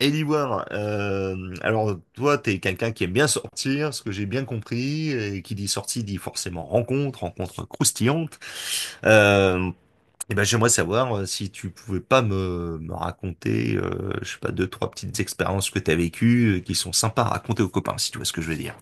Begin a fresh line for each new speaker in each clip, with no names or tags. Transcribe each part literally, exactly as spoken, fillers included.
Eliwar, euh, alors toi, t'es quelqu'un qui aime bien sortir, ce que j'ai bien compris, et qui dit sortie dit forcément rencontre, rencontre croustillante. Euh, et ben j'aimerais savoir euh, si tu pouvais pas me, me raconter, euh, je sais pas, deux, trois petites expériences que t'as vécues, euh, qui sont sympas à raconter aux copains, si tu vois ce que je veux dire.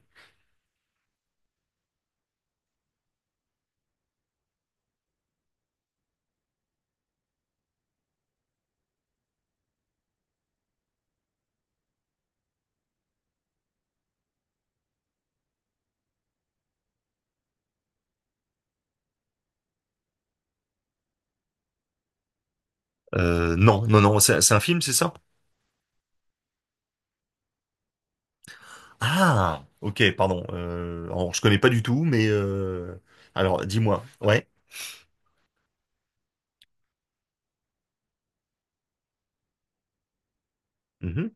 Euh, non, non, non, c'est c'est un film, c'est ça? Ah, ok, pardon. Euh, alors, je connais pas du tout, mais euh, alors dis-moi. Ouais. Mhm,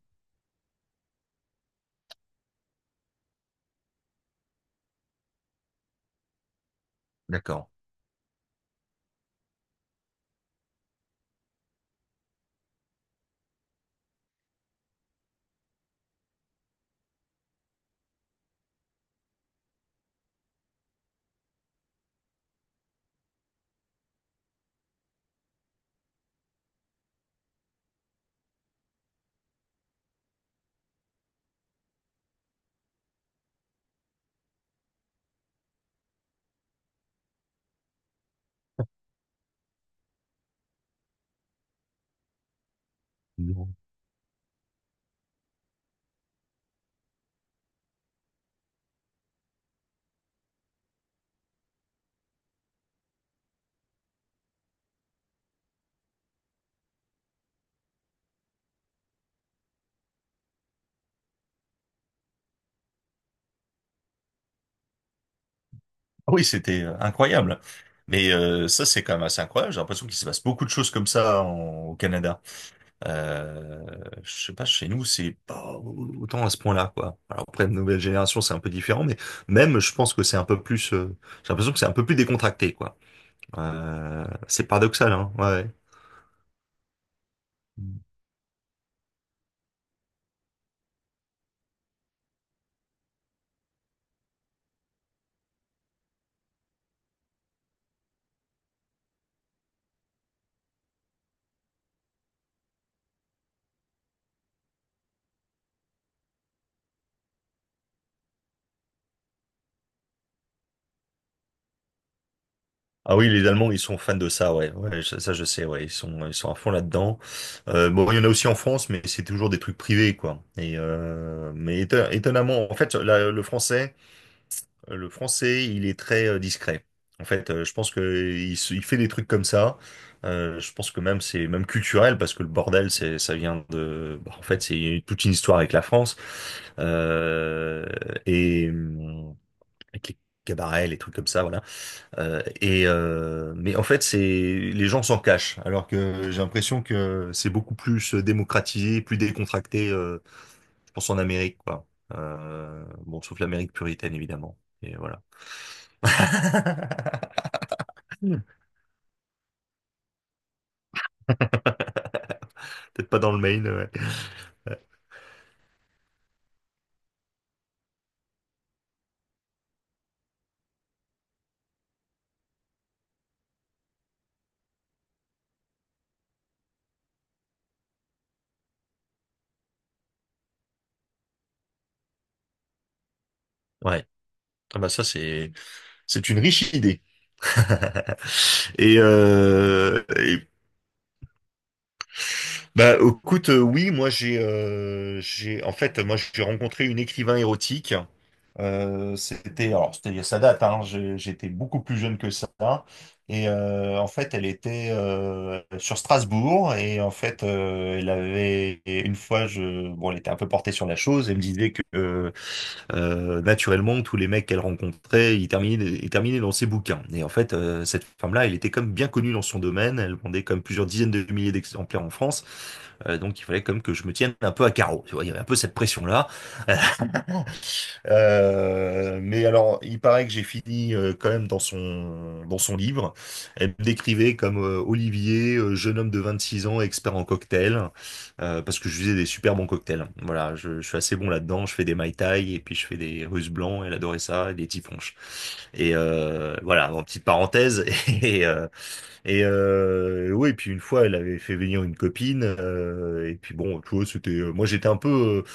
d'accord. Ah oui, c'était euh, incroyable. Mais euh, ça, c'est quand même assez incroyable. J'ai l'impression qu'il se passe beaucoup de choses comme ça en- au Canada. Euh, je sais pas, chez nous, c'est pas autant à ce point-là, quoi. Alors après, de nouvelle génération, c'est un peu différent, mais même, je pense que c'est un peu plus. Euh, j'ai l'impression que c'est un peu plus décontracté, quoi. Euh, c'est paradoxal, hein. Ouais. Ah oui, les Allemands, ils sont fans de ça, ouais. Ouais, ça, ça, je sais, ouais. Ils sont, ils sont à fond là-dedans. Euh, bon, il y en a aussi en France, mais c'est toujours des trucs privés, quoi. Et euh, mais éton- étonnamment, en fait, la- le français, euh, le français, il est très euh, discret. En fait, euh, je pense que il, se- il fait des trucs comme ça. Euh, je pense que même c'est même culturel parce que le bordel, c'est, ça vient de. Bah, en fait, c'est toute une histoire avec la France euh, et hum, avec les cabarets, les trucs comme ça. Voilà. Euh, et euh, mais en fait, c'est les gens s'en cachent, alors que j'ai l'impression que c'est beaucoup plus euh, démocratisé, plus décontracté, euh, je pense en Amérique, quoi. Euh, bon, sauf l'Amérique puritaine, évidemment. Et voilà. Peut-être pas dans le Maine, ouais. Ouais. Ah bah ça, c'est c'est une riche idée. Et, euh, et bah, écoute, euh, oui, moi j'ai, euh, j'ai, en fait, moi j'ai rencontré une écrivain érotique. Euh, c'était, alors c'était, ça date, hein, j'ai- j'étais beaucoup plus jeune que ça. Et euh, en fait, elle était euh, sur Strasbourg et en fait, euh, elle avait et une fois, je, bon, elle était un peu portée sur la chose. Elle me disait que euh, euh, naturellement, tous les mecs qu'elle rencontrait, ils terminaient, ils terminaient dans ses bouquins. Et en fait, euh, cette femme-là, elle était comme bien connue dans son domaine. Elle vendait comme plusieurs dizaines de milliers d'exemplaires en France. Euh, donc, il fallait comme que je me tienne un peu à carreau. Tu vois, il y avait un peu cette pression-là. Euh, mais alors, il paraît que j'ai fini euh, quand même dans son dans son livre. Elle me décrivait comme euh, Olivier, euh, jeune homme de vingt six ans, expert en cocktail euh, parce que je faisais des super bons cocktails. Voilà, je, je suis assez bon là-dedans. Je fais des Mai Tai et puis je fais des Russes blancs. Elle adorait ça et des typhonches. Et euh, voilà, en petite parenthèse. Et, euh, et euh, oui, et puis une fois, elle avait fait venir une copine. Euh, et puis bon, tu vois, c'était. euh, Moi, j'étais un peu, euh,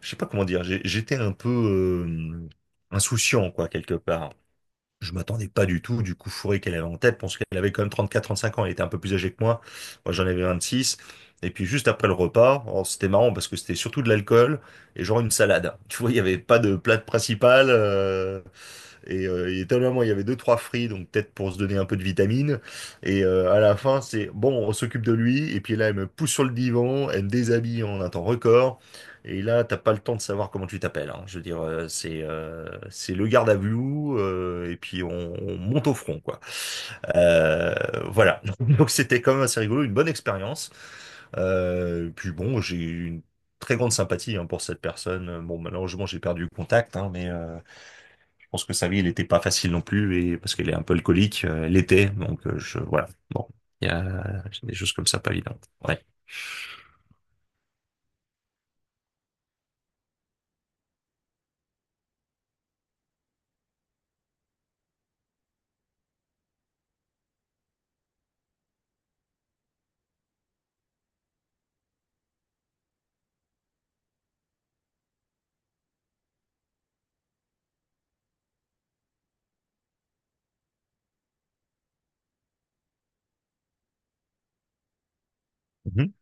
je sais pas comment dire. j'ai- J'étais un peu euh, insouciant, quoi, quelque part. Je m'attendais pas du tout du coup fourré qu'elle avait en tête. Je pense qu'elle avait quand même trente quatre, trente cinq ans. Elle était un peu plus âgée que moi. Moi, j'en avais vingt six. Et puis juste après le repas, oh, c'était marrant parce que c'était surtout de l'alcool et genre une salade. Tu vois, il n'y avait pas de plat principal. Euh, et euh, étonnamment, il y avait deux, trois fris, donc peut-être pour se donner un peu de vitamine. Et euh, à la fin, c'est bon, on s'occupe de lui. Et puis là, elle me pousse sur le divan, elle me déshabille en un temps record. Et là, t'as pas le temps de savoir comment tu t'appelles, hein. Je veux dire, euh, c'est euh, c'est le garde à vue euh, et puis on, on monte au front, quoi. Euh, voilà. Donc c'était quand même assez rigolo, une bonne expérience. Euh, puis bon, j'ai eu une très grande sympathie hein, pour cette personne. Bon, malheureusement, j'ai perdu le contact, hein, mais euh, je pense que sa vie, elle n'était pas facile non plus, et parce qu'elle est un peu alcoolique, euh, elle l'était, donc euh, je voilà. Bon, il y a des choses comme ça pas évidentes. Ouais. Mhm.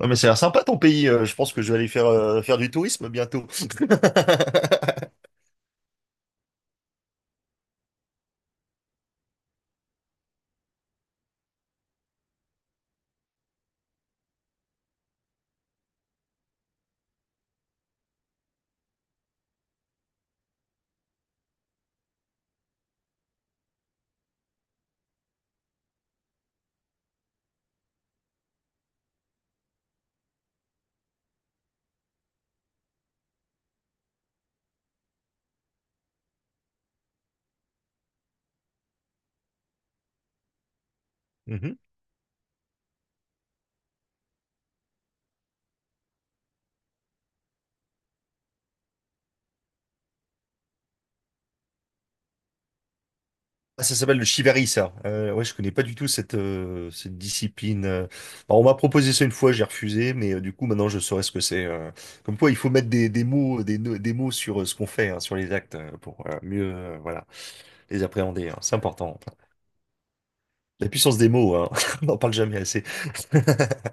Ouais, mais ça a l'air sympa ton pays. Euh, je pense que je vais aller faire, euh, faire du tourisme bientôt. Mhm. Ah, ça s'appelle le shibari, ça. Euh, ouais, je connais pas du tout cette, euh, cette discipline. Euh. Alors, on m'a proposé ça une fois, j'ai refusé, mais euh, du coup, maintenant, je saurais ce que c'est. Euh. Comme quoi, il faut mettre des, des mots, euh, des, no- des mots sur euh, ce qu'on fait, hein, sur les actes, euh, pour euh, mieux, euh, voilà, les appréhender, hein. C'est important. La puissance des mots, hein. On n'en parle jamais assez.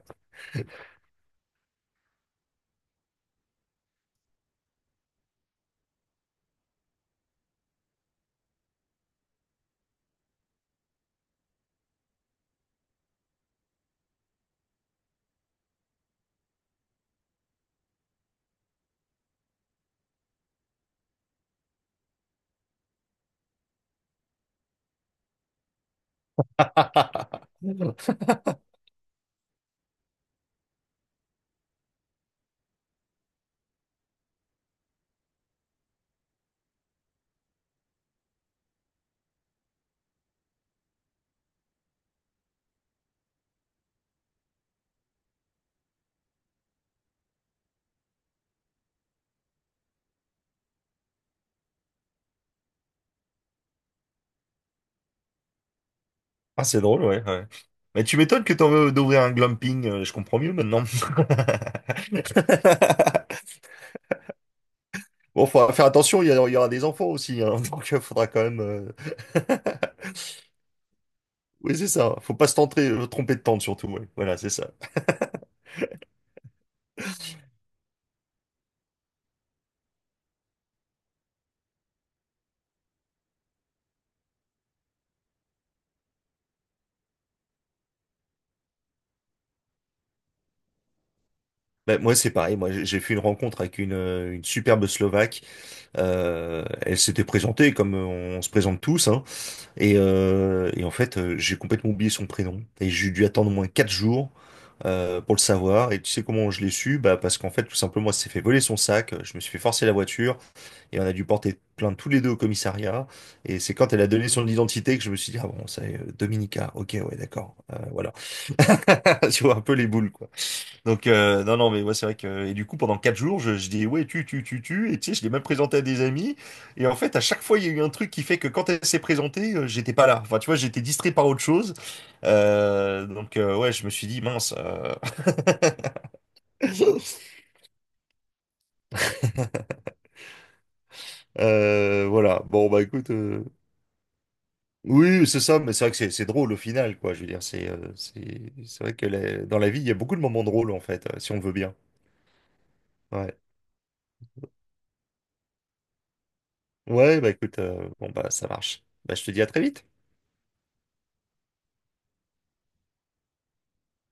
Ah, c'est drôle, ouais, ouais. Mais tu m'étonnes que t'en veux d'ouvrir un glamping, euh, je comprends mieux maintenant. Bon, faut faire attention, il y, a- il y aura des enfants aussi, hein, donc il faudra quand même... euh, Oui, c'est ça, faut pas se tenter, euh, tromper de tente surtout, ouais. Voilà, c'est ça. Ben, moi, c'est pareil, moi, j'ai j'ai fait une rencontre avec une, euh, une superbe Slovaque. Euh, elle s'était présentée comme euh, on se présente tous, hein. Et, euh, et en fait, euh, j'ai complètement oublié son prénom. Et j'ai dû attendre au moins quatre jours euh, pour le savoir. Et tu sais comment je l'ai su? Bah, parce qu'en fait, tout simplement, elle s'est fait voler son sac. euh, Je me suis fait forcer la voiture. Et on a dû porter plainte tous les deux au commissariat. Et c'est quand elle a donné son identité que je me suis dit, ah bon, c'est euh, Dominica. Ok, ouais, d'accord. Euh, voilà. Tu vois, un peu les boules, quoi. Donc euh, non non mais ouais c'est vrai que et du coup pendant quatre jours je, je dis ouais tu tu tu tu et tu sais je l'ai même présenté à des amis et en fait à chaque fois il y a eu un truc qui fait que quand elle s'est présentée euh, j'étais pas là enfin tu vois j'étais distrait par autre chose. Euh, donc euh, ouais je me suis dit mince euh, euh, voilà bon bah écoute euh, oui c'est ça mais c'est vrai que c'est c'est drôle au final quoi je veux dire c'est euh, c'est c'est vrai que la- dans la vie il y a beaucoup de moments drôles en fait euh, si on le veut bien. Ouais. Ouais, bah écoute euh, bon bah ça marche, bah je te dis à très vite.